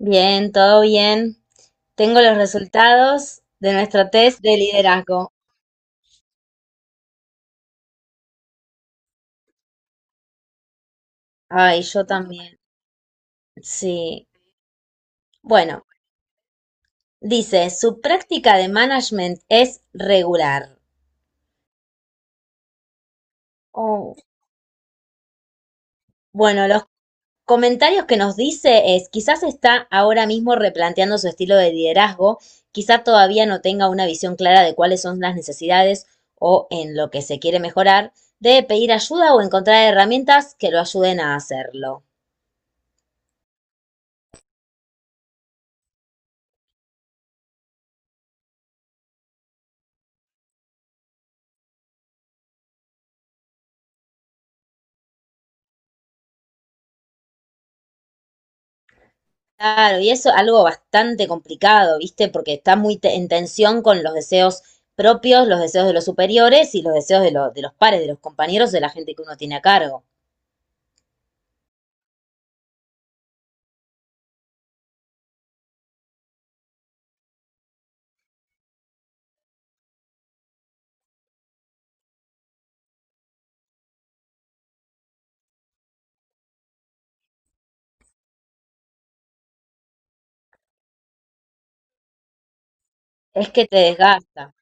Bien, todo bien. Tengo los resultados de nuestro test de liderazgo. Ay, yo también. Sí. Bueno, dice, su práctica de management es regular. Oh. Bueno, los comentarios que nos dice es, quizás está ahora mismo replanteando su estilo de liderazgo, quizás todavía no tenga una visión clara de cuáles son las necesidades o en lo que se quiere mejorar, debe pedir ayuda o encontrar herramientas que lo ayuden a hacerlo. Claro, y eso es algo bastante complicado, ¿viste? Porque está muy en tensión con los deseos propios, los deseos de los superiores y los deseos de, de los pares, de los compañeros, de la gente que uno tiene a cargo. Es que te desgasta.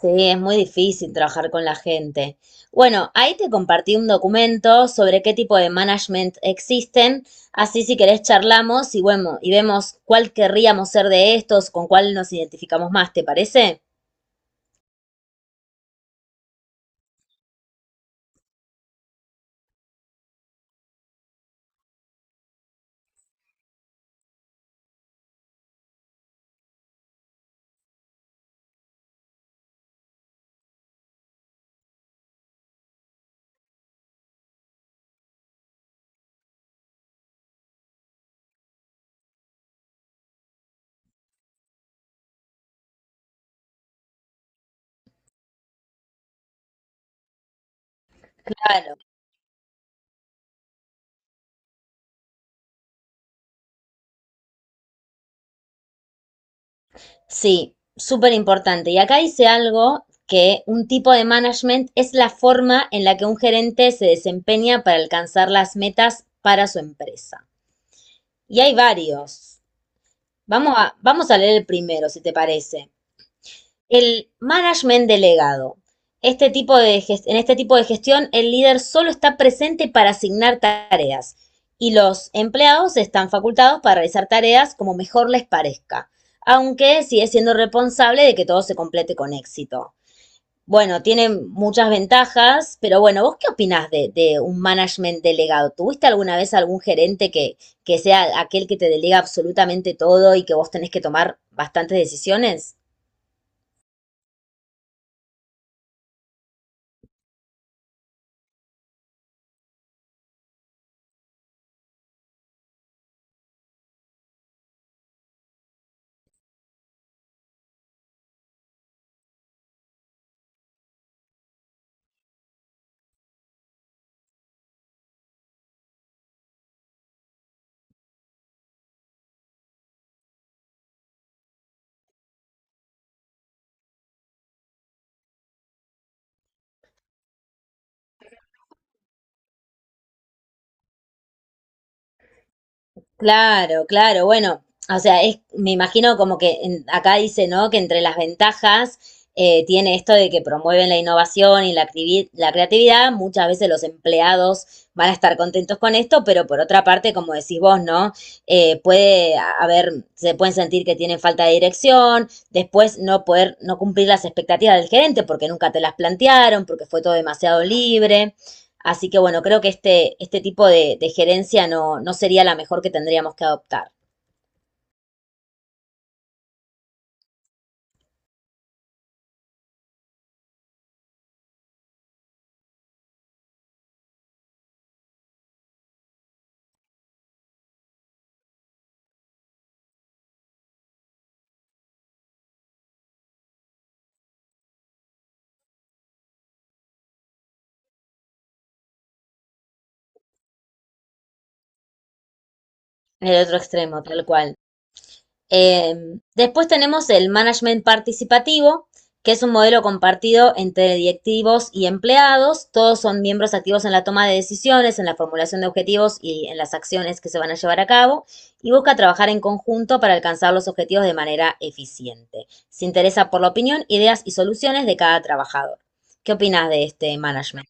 Sí, es muy difícil trabajar con la gente. Bueno, ahí te compartí un documento sobre qué tipo de management existen. Así si querés charlamos y bueno, y vemos cuál querríamos ser de estos, con cuál nos identificamos más, ¿te parece? Claro. Sí, súper importante. Y acá dice algo que un tipo de management es la forma en la que un gerente se desempeña para alcanzar las metas para su empresa. Y hay varios. Vamos a leer el primero, si te parece. El management delegado. En este tipo de gestión, el líder solo está presente para asignar tareas y los empleados están facultados para realizar tareas como mejor les parezca, aunque sigue siendo responsable de que todo se complete con éxito. Bueno, tiene muchas ventajas, pero bueno, ¿vos qué opinás de un management delegado? ¿Tuviste alguna vez algún gerente que sea aquel que te delega absolutamente todo y que vos tenés que tomar bastantes decisiones? Claro, claro, bueno, o sea, es, me imagino como que acá dice, ¿no? Que entre las ventajas tiene esto de que promueven la innovación y la, la creatividad, muchas veces los empleados van a estar contentos con esto, pero por otra parte, como decís vos, ¿no? Puede haber, se pueden sentir que tienen falta de dirección, después no poder, no cumplir las expectativas del gerente porque nunca te las plantearon, porque fue todo demasiado libre. Así que bueno, creo que este tipo de gerencia no, no sería la mejor que tendríamos que adoptar. El otro extremo, tal cual. Eh, después tenemos el management participativo, que es un modelo compartido entre directivos y empleados. Todos son miembros activos en la toma de decisiones, en la formulación de objetivos y en las acciones que se van a llevar a cabo. Y busca trabajar en conjunto para alcanzar los objetivos de manera eficiente. Se interesa por la opinión, ideas y soluciones de cada trabajador. ¿Qué opinas de este management?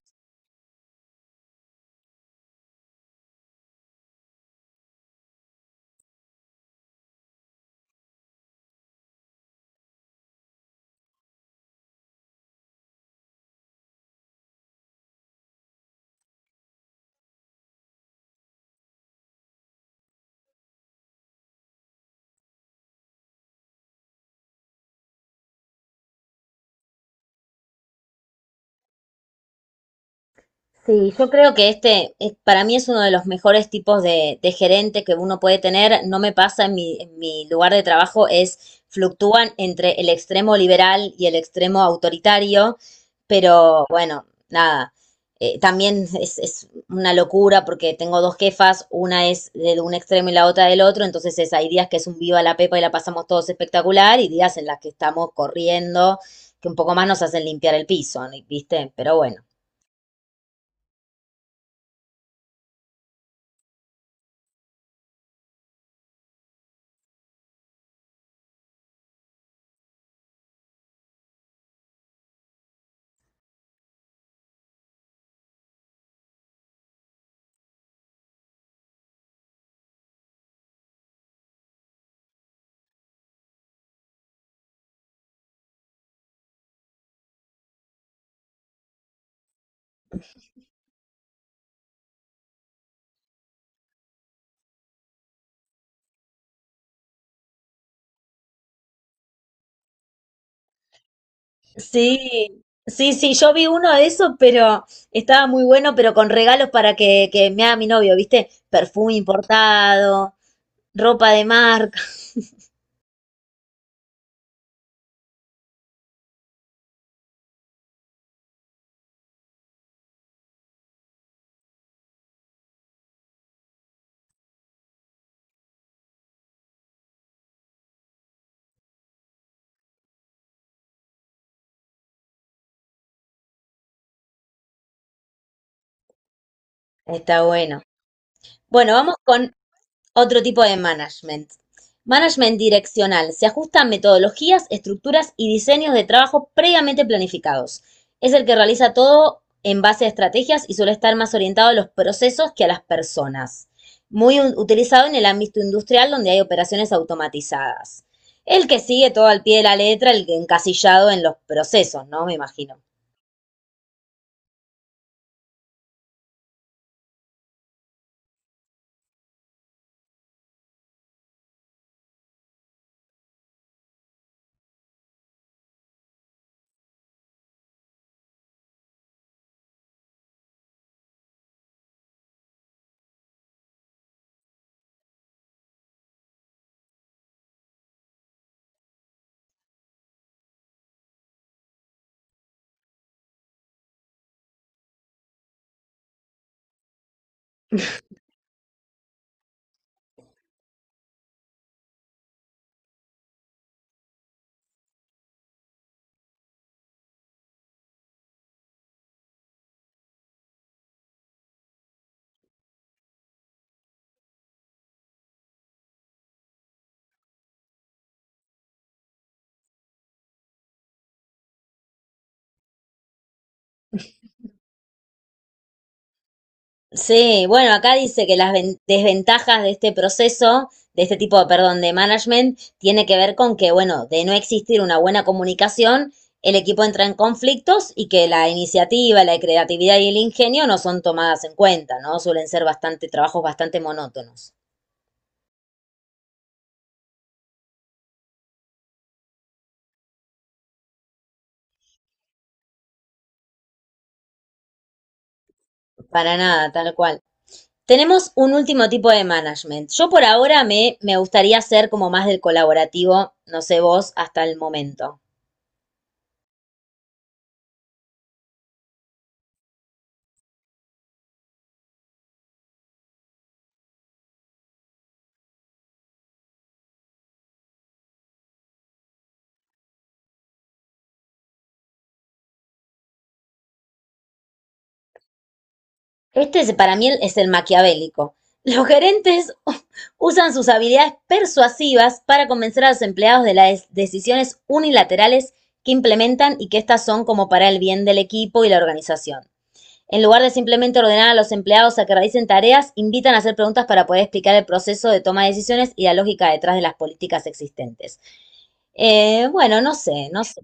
Sí, yo creo que este para mí es uno de los mejores tipos de gerente que uno puede tener. No me pasa en mi lugar de trabajo, es fluctúan entre el extremo liberal y el extremo autoritario, pero bueno, nada. También es una locura porque tengo dos jefas, una es de un extremo y la otra del otro, entonces es, hay días que es un viva la pepa y la pasamos todos espectacular y días en las que estamos corriendo, que un poco más nos hacen limpiar el piso, ¿no? ¿Viste? Pero bueno. Sí, sí, sí, yo vi uno de esos, pero estaba muy bueno, pero con regalos para que me haga mi novio, ¿viste? Perfume importado, ropa de marca. Está bueno. Bueno, vamos con otro tipo de management. Management direccional. Se ajusta a metodologías, estructuras y diseños de trabajo previamente planificados. Es el que realiza todo en base a estrategias y suele estar más orientado a los procesos que a las personas. Muy utilizado en el ámbito industrial donde hay operaciones automatizadas. El que sigue todo al pie de la letra, el encasillado en los procesos, ¿no? Me imagino. Sí, bueno, acá dice que las desventajas de este proceso, de este tipo, perdón, de management, tiene que ver con que, bueno, de no existir una buena comunicación, el equipo entra en conflictos y que la iniciativa, la creatividad y el ingenio no son tomadas en cuenta, ¿no? Suelen ser bastante trabajos bastante monótonos. Para nada, tal cual. Tenemos un último tipo de management. Yo por ahora me gustaría ser como más del colaborativo, no sé vos, hasta el momento. Para mí es el maquiavélico. Los gerentes usan sus habilidades persuasivas para convencer a los empleados de las decisiones unilaterales que implementan y que estas son como para el bien del equipo y la organización. En lugar de simplemente ordenar a los empleados a que realicen tareas, invitan a hacer preguntas para poder explicar el proceso de toma de decisiones y la lógica detrás de las políticas existentes. Bueno, no sé, no sé.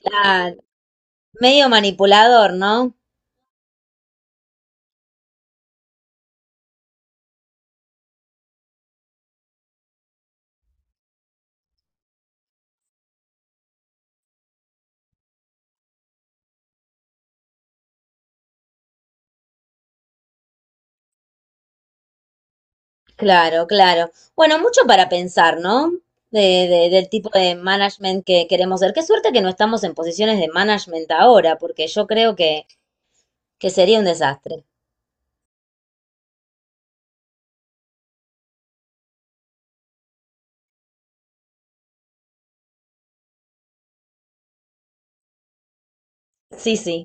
Claro, medio manipulador, ¿no? Claro, claro. Bueno, mucho para pensar, ¿no? De, del tipo de management que queremos ser. Qué suerte que no estamos en posiciones de management ahora, porque yo creo que sería un desastre. Sí, sí.